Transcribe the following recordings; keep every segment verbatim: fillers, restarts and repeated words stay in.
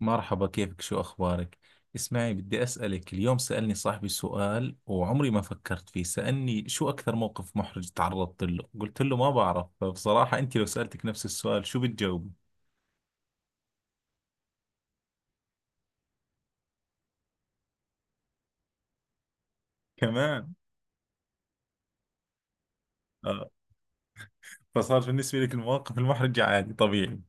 مرحبا، كيفك؟ شو أخبارك؟ اسمعي، بدي أسألك. اليوم سألني صاحبي سؤال وعمري ما فكرت فيه. سألني شو أكثر موقف محرج تعرضت له؟ قلت له ما بعرف. فبصراحة، أنت لو سألتك نفس السؤال شو بتجاوبي؟ كمان. آه. فصار بالنسبة لك المواقف المحرجة عادي طبيعي.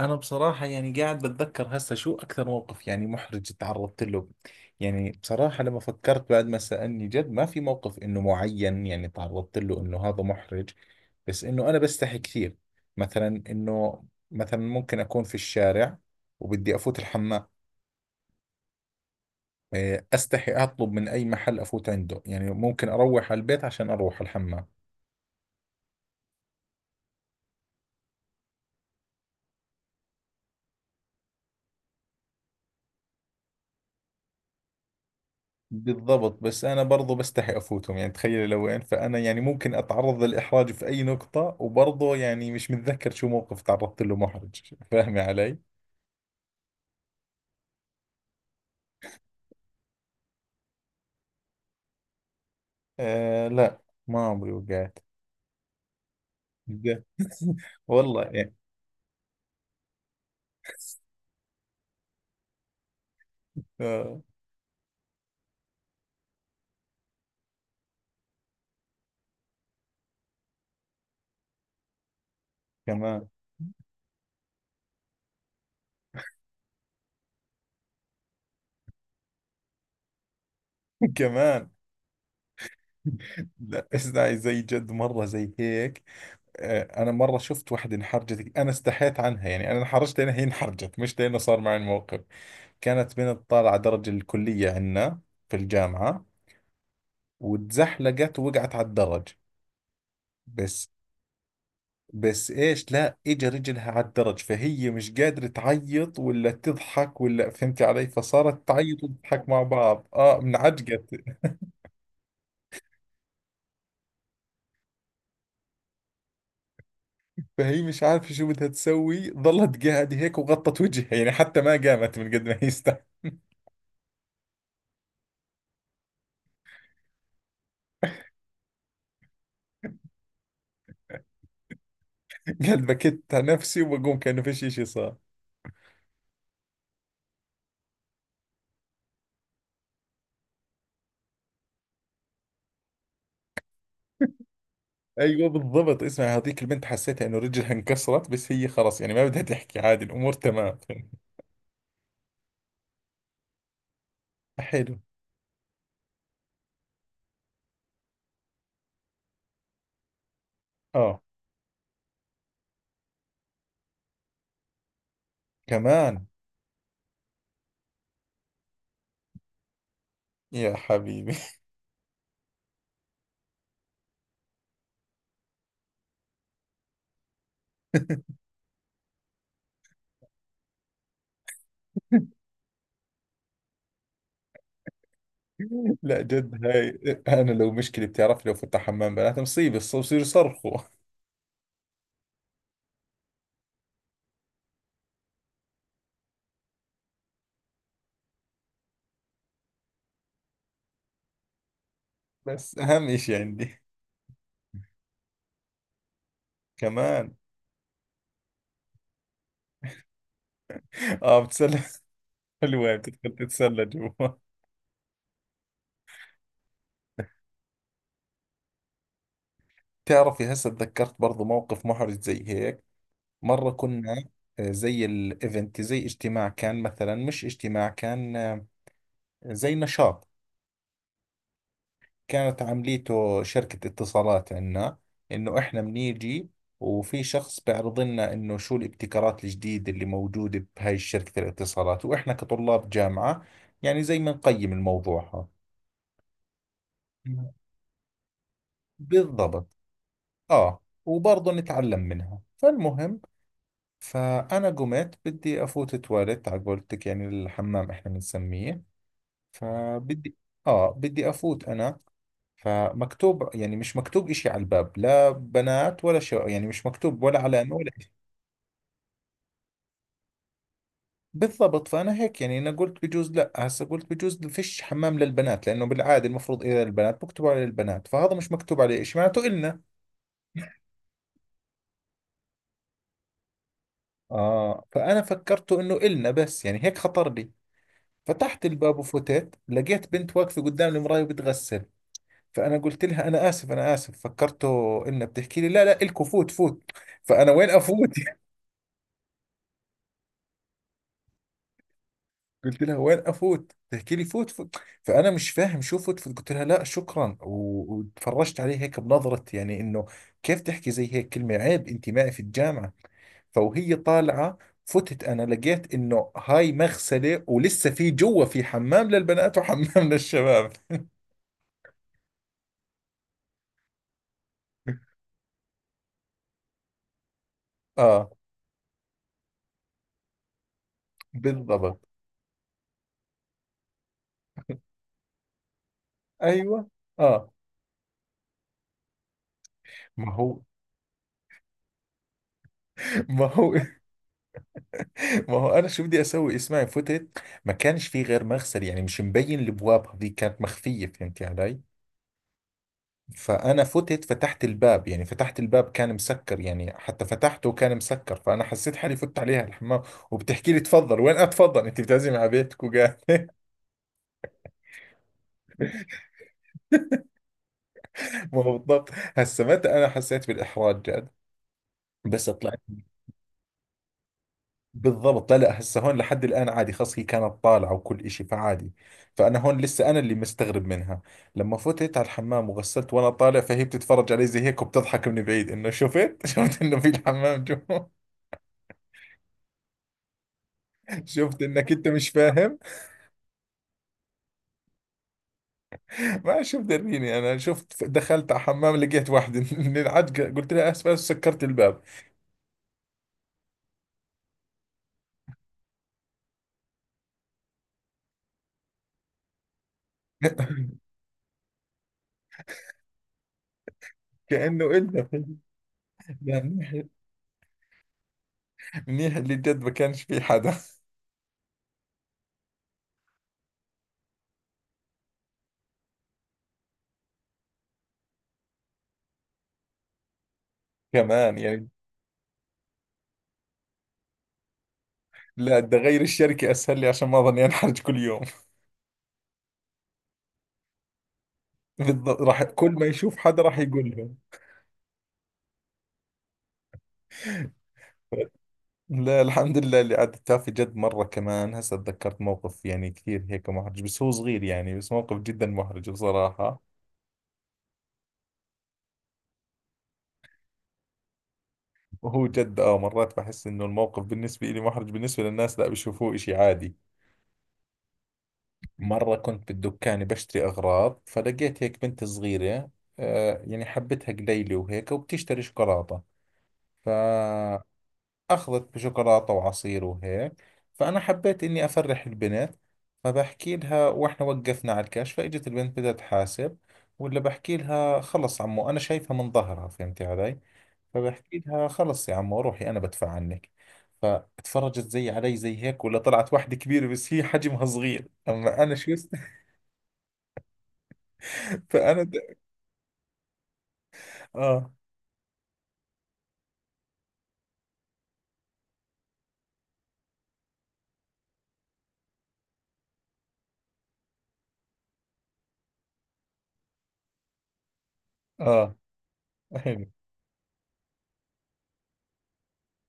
أنا بصراحة يعني قاعد بتذكر هسه شو أكثر موقف يعني محرج تعرضت له. يعني بصراحة، لما فكرت بعد ما سألني، جد ما في موقف إنه معين يعني تعرضت له إنه هذا محرج. بس إنه أنا بستحي كثير. مثلا إنه، مثلا ممكن أكون في الشارع وبدي أفوت الحمام. إيه، أستحي أطلب من أي محل أفوت عنده، يعني ممكن أروح على البيت عشان أروح الحمام. بالضبط. بس أنا برضو بستحي أفوتهم. يعني تخيل لو وين، فأنا يعني ممكن أتعرض للإحراج في أي نقطة. وبرضو يعني مش متذكر شو موقف تعرضت له محرج فاهمي علي؟ آه، لا. ما عمري وقعت. جد. والله يعني. آه. كمان. كمان. لا، اسمعي، زي جد مرة زي هيك. آه، أنا مرة شفت وحدة انحرجت، أنا استحيت عنها. يعني أنا انحرجت لأنها هي انحرجت، مش لأنه صار معي الموقف. كانت بنت طالعة درج الكلية عنا في الجامعة، واتزحلقت ووقعت على الدرج. بس. بس ايش، لا اجى رجلها على الدرج، فهي مش قادرة تعيط ولا تضحك. ولا فهمت علي؟ فصارت تعيط وتضحك مع بعض. اه منعجقت. فهي مش عارفة شو بدها تسوي، ظلت قاعدة هيك وغطت وجهها. يعني حتى ما قامت من قد ما هي است- قالت بكت على نفسي وبقوم كأنه فيش اشي صار. ايوه بالضبط. اسمع، هذيك البنت حسيتها انه رجلها انكسرت، بس هي خلاص يعني ما بدها تحكي. عادي، الامور تمام. حلو. اه. كمان. يا حبيبي. لا جد، هاي. انا لو مشكلة، بتعرف لو فتح حمام بنات مصيبة، الص- بصير يصرخوا. بس اهم اشي عندي. كمان. اه، بتسلى حلوة، بتدخل تتسلى جوا. بتعرفي هسه تذكرت برضو موقف محرج زي هيك. مرة كنا، آه، زي الايفنت، زي اجتماع كان. مثلا مش اجتماع كان، آه، زي نشاط. كانت عمليته شركة اتصالات عنا. إنه إحنا بنيجي، وفي شخص بيعرض لنا إنه شو الابتكارات الجديدة اللي موجودة بهاي شركة الاتصالات. وإحنا كطلاب جامعة يعني زي ما نقيم الموضوع هذا. بالضبط. آه، وبرضه نتعلم منها. فالمهم، فأنا قمت بدي أفوت تواليت، على قولتك يعني الحمام إحنا بنسميه. فبدي، آه، بدي أفوت أنا. فمكتوب، يعني مش مكتوب إشي على الباب، لا بنات ولا شو. يعني مش مكتوب ولا علامة ولا إشي. بالضبط. فأنا هيك يعني، أنا قلت بجوز، لا هسا قلت بجوز فيش حمام للبنات، لأنه بالعادة المفروض إذا البنات بكتبوا على البنات، فهذا مش مكتوب عليه إشي معناته إلنا. آه، فأنا فكرته إنه إلنا، بس يعني هيك خطر لي. فتحت الباب وفتت، لقيت بنت واقفة قدام المراية وبتغسل. فأنا قلت لها أنا آسف أنا آسف، فكرته إلنا. بتحكي لي لا لا إلكو، فوت فوت. فأنا وين أفوت؟ قلت لها وين افوت؟ تحكي لي فوت فوت. فانا مش فاهم شو فوت فوت. قلت لها لا شكرا، و- وتفرجت عليه هيك بنظره، يعني انه كيف تحكي زي هيك كلمه عيب انت معي في الجامعه. فوهي طالعه، فتت انا، لقيت انه هاي مغسله ولسه في جوا في حمام للبنات وحمام للشباب. اه بالضبط. ايوه. اه. ما هو. ما هو. ما هو انا شو بدي اسوي؟ اسمعي فتت، ما كانش في غير مغسل، يعني مش مبين الابواب، هذه كانت مخفيه. فهمتي علي؟ فأنا فتت، فتحت الباب، يعني فتحت الباب كان مسكر، يعني حتى فتحته كان مسكر. فأنا حسيت حالي فت عليها الحمام، وبتحكي لي تفضل. وين أتفضل أنت؟ بتعزمي على بيتك وقال ما هو بالضبط. هسه متى أنا حسيت بالإحراج جد؟ بس طلعت. بالضبط، لا لا هسه هون لحد الآن عادي، خلص هي كانت طالعة وكل إشي، فعادي. فأنا هون لسه أنا اللي مستغرب منها. لما فتت على الحمام وغسلت وأنا طالع، فهي بتتفرج علي زي هيك وبتضحك من بعيد إنه شفت شفت إنه في الحمام جوا. شفت إنك أنت مش فاهم. ما شو مدريني انا؟ شفت دخلت على حمام لقيت واحدة من العجقة قلت لها اسف اسف، سكرت الباب. كأنه الا. لا، منيح. منيح اللي جد ما كانش في حدا. كمان يعني. لا بدي اغير الشركة اسهل لي، عشان ما اظني انحرج كل يوم. بالضبط، راح كل ما يشوف حدا راح يقول لهم. لا الحمد لله اللي عدتها. في جد مرة كمان هسه تذكرت موقف، يعني كثير هيك محرج، بس هو صغير يعني، بس موقف جدا محرج بصراحة. وهو جد اه مرات بحس انه الموقف بالنسبة لي محرج، بالنسبة للناس لا بيشوفوه اشي عادي. مرة كنت بالدكان بشتري اغراض، فلقيت هيك بنت صغيرة، آه يعني حبتها قليلة وهيك، وبتشتري شوكولاتة. فاخذت بشوكولاتة وعصير وهيك. فانا حبيت اني افرح البنت. فبحكي لها، واحنا وقفنا على الكاش فاجت البنت بدها تحاسب، ولا بحكي لها خلص عمو، انا شايفها من ظهرها فهمتي علي. فبحكي لها خلص يا عمو روحي انا بدفع عنك. فاتفرجت زي علي زي هيك، ولا طلعت واحدة كبيرة بس هي حجمها صغير. اما انا شو است- فانا د... اه اه. حلو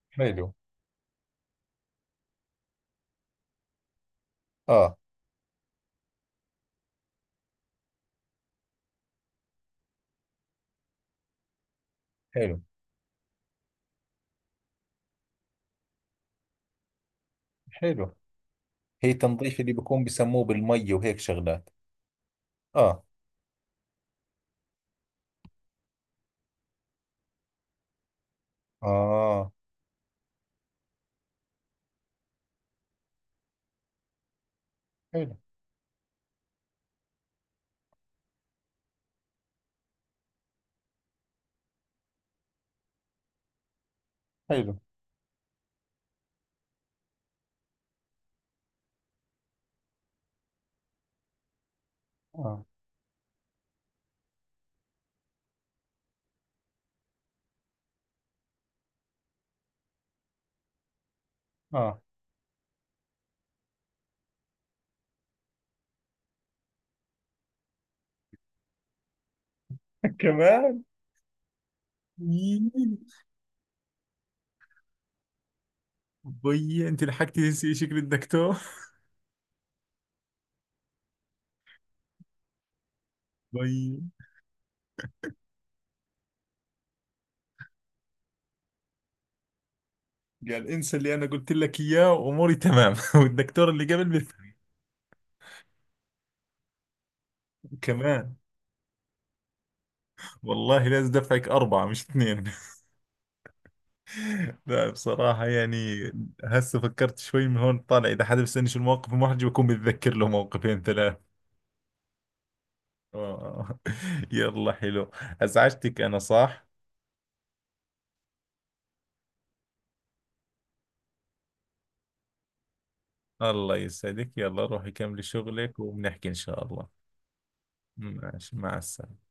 حلو. اه، حلو حلو. هي تنظيف اللي بكون بسموه بالمي وهيك شغلات. اه اه. حلو حلو. اه اه. كمان. يي. بي، انت لحقتي تنسي شكل الدكتور. بي. قال انسى اللي انا قلت لك اياه واموري تمام. والدكتور اللي قبل بيفهم. كمان. والله لازم دفعك أربعة مش اثنين. لا بصراحة يعني، هسه فكرت شوي. من هون طالع إذا حدا بيسألني شو المواقف المحرجة بكون بتذكر له موقفين ثلاث. آه. يلا حلو. أزعجتك أنا صح؟ الله يسعدك، يلا روحي كملي شغلك وبنحكي إن شاء الله. ماشي، مع السلامة.